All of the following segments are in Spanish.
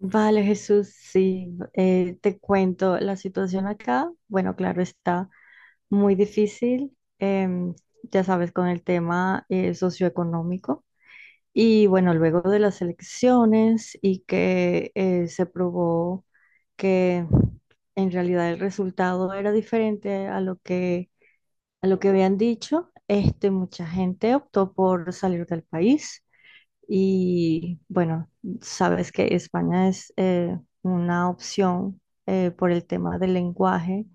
Vale, Jesús, sí, te cuento la situación acá. Bueno, claro, está muy difícil, ya sabes, con el tema socioeconómico. Y bueno, luego de las elecciones y que se probó que en realidad el resultado era diferente a lo que, habían dicho, mucha gente optó por salir del país. Y bueno, sabes que España es una opción por el tema del lenguaje,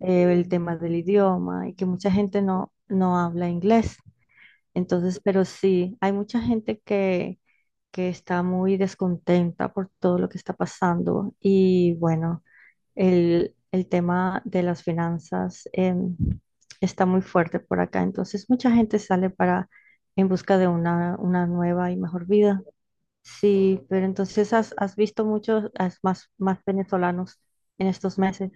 el tema del idioma y que mucha gente no habla inglés. Entonces, pero sí, hay mucha gente que está muy descontenta por todo lo que está pasando. Y bueno, el tema de las finanzas está muy fuerte por acá. Entonces, mucha gente sale para en busca de una nueva y mejor vida. Sí, pero entonces has visto muchos has más venezolanos en estos meses.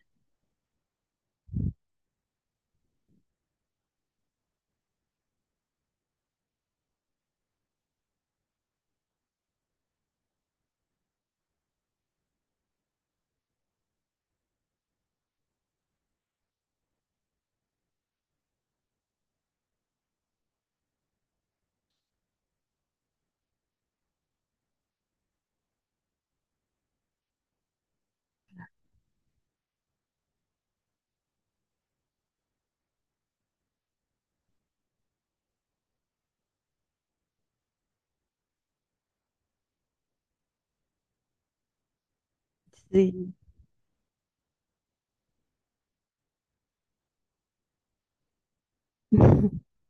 Sí.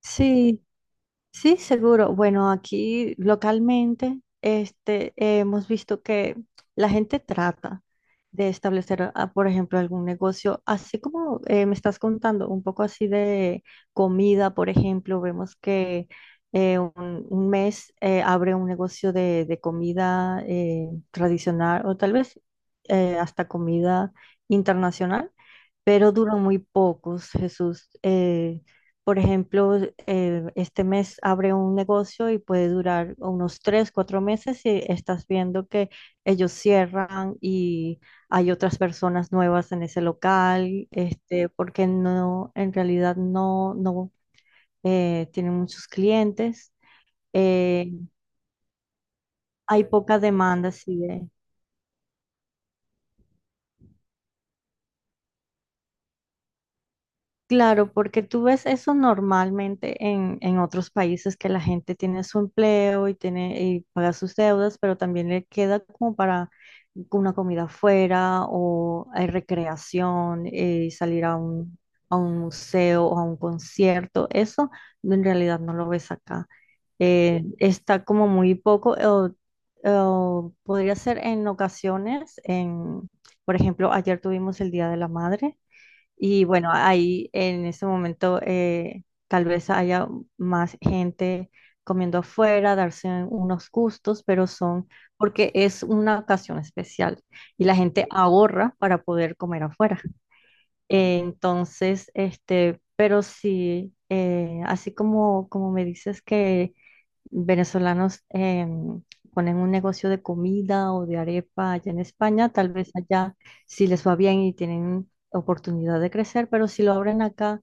Sí, sí, seguro. Bueno, aquí localmente hemos visto que la gente trata de establecer, por ejemplo, algún negocio, así como me estás contando, un poco así de comida, por ejemplo, vemos que un mes abre un negocio de comida tradicional o tal vez hasta comida internacional, pero duran muy pocos, Jesús. Por ejemplo, este mes abre un negocio y puede durar unos 3, 4 meses y estás viendo que ellos cierran y hay otras personas nuevas en ese local, porque no, en realidad no tienen muchos clientes. Eh, hay poca demanda, sí. de, Claro, porque tú ves eso normalmente en otros países que la gente tiene su empleo y tiene y paga sus deudas, pero también le queda como para una comida afuera o recreación, salir a un museo o a un concierto. Eso en realidad no lo ves acá. Está como muy poco, o podría ser en ocasiones, por ejemplo, ayer tuvimos el Día de la Madre y bueno, ahí en ese momento tal vez haya más gente comiendo afuera, darse unos gustos, pero son porque es una ocasión especial, y la gente ahorra para poder comer afuera. Entonces, pero sí, así como, como me dices que venezolanos ponen un negocio de comida o de arepa allá en España, tal vez allá si les va bien y tienen oportunidad de crecer, pero si lo abren acá,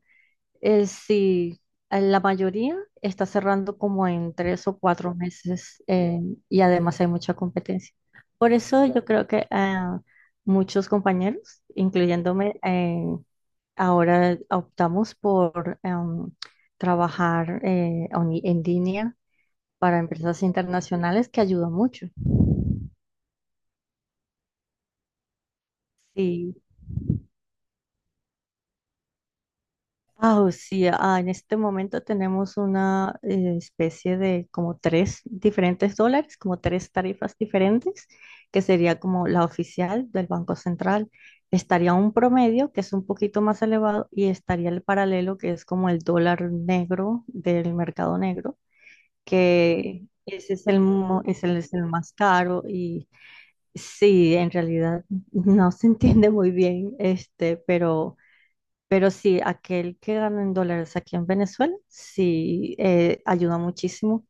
sí, la mayoría está cerrando como en 3 o 4 meses, y además hay mucha competencia. Por eso yo creo que muchos compañeros, incluyéndome, ahora optamos por trabajar en línea para empresas internacionales, que ayuda mucho. Sí. O sí, en este momento tenemos una especie de como tres diferentes dólares, como tres tarifas diferentes, que sería como la oficial del Banco Central. Estaría un promedio que es un poquito más elevado, y estaría el paralelo que es como el dólar negro del mercado negro, que ese es el, mo- es el más caro. Y sí, en realidad no se entiende muy bien, pero sí, aquel que gana en dólares aquí en Venezuela, sí, ayuda muchísimo.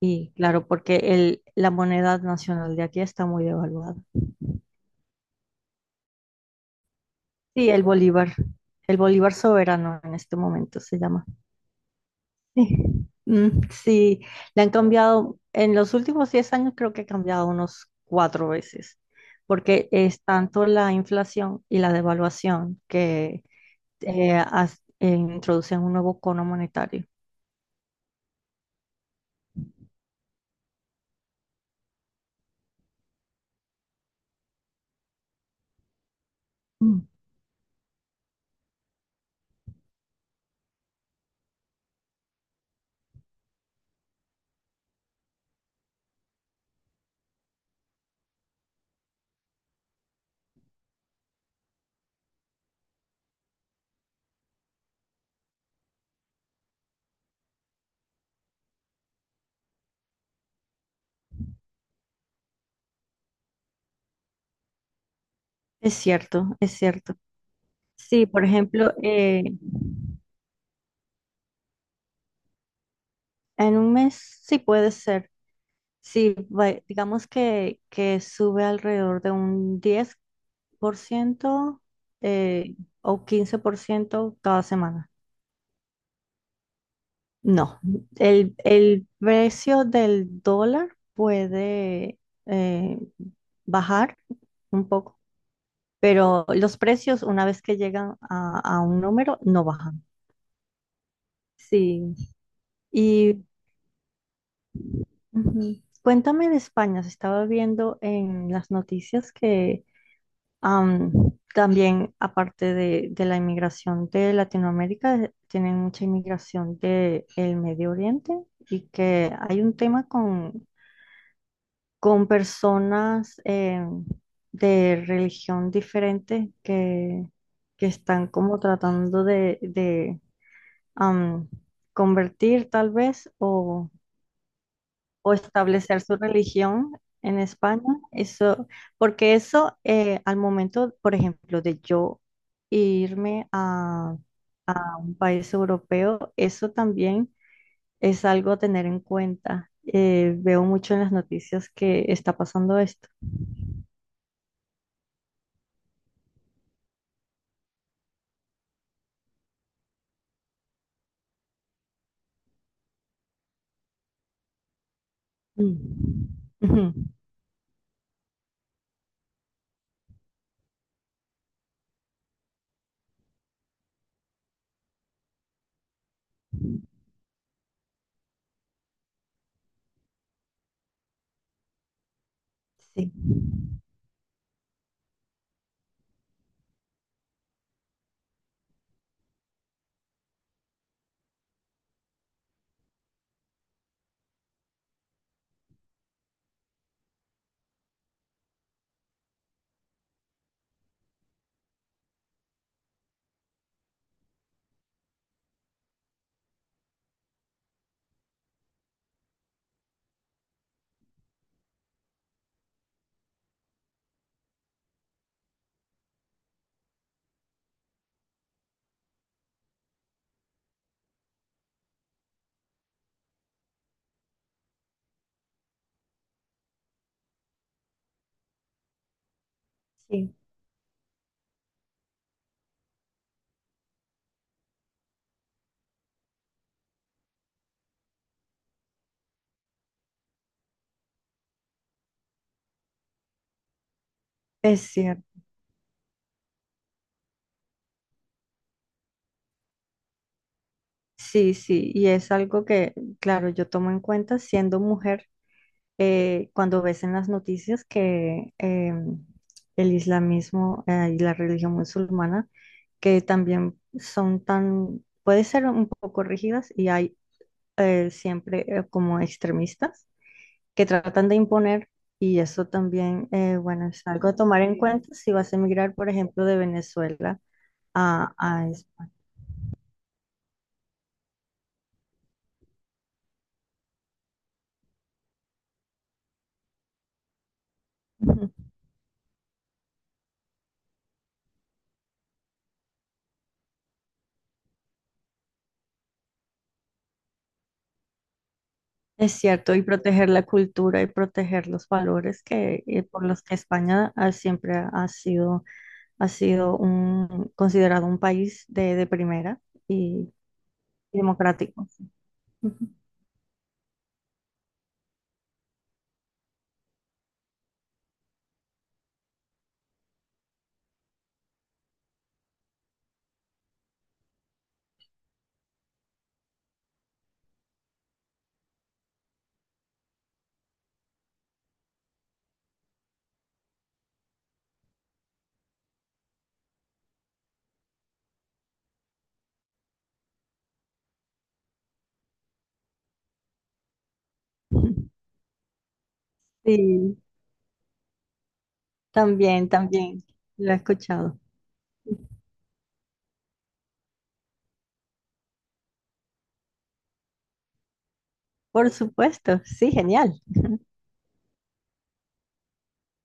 Y claro, porque la moneda nacional de aquí está muy devaluada. Sí, el bolívar soberano en este momento se llama. Sí. Mm, sí, le han cambiado, en los últimos 10 años creo que ha cambiado unos cuatro veces, porque es tanto la inflación y la devaluación que introducen un nuevo cono monetario. Mm. Es cierto, es cierto. Sí, por ejemplo, en un mes sí puede ser. Sí, digamos que sube alrededor de un 10% eh, o 15% cada semana. No, el precio del dólar puede eh, bajar un poco, pero los precios una vez que llegan a un número no bajan. Sí. Y ujú, cuéntame de España. Se estaba viendo en las noticias que, am, también, aparte de la inmigración de Latinoamérica, tienen mucha inmigración del Medio Oriente, y que hay un tema con personas de religión diferente, que están como tratando de am, convertir tal vez, o establecer su religión en España. Eso, porque eso al momento, por ejemplo, de yo irme a un país europeo, eso también es algo a tener en cuenta. Veo mucho en las noticias que está pasando esto. Mm. Ujú. Sí. Sí, es cierto. Sí, sí, y es algo que, claro, yo tomo en cuenta siendo mujer cuando ves en las noticias que el islamismo y la religión musulmana, que también son tan, puede ser un poco rígidas, y hay siempre como extremistas que tratan de imponer, y eso también, bueno, es algo a tomar en cuenta si vas a emigrar, por ejemplo, de Venezuela a España. Ujú. Es cierto, y proteger la cultura y proteger los valores que, por los que España siempre ha sido un, considerado un país de primera y, y democrático. Ujú. Sí, también, también, lo he escuchado. Por supuesto, sí, genial.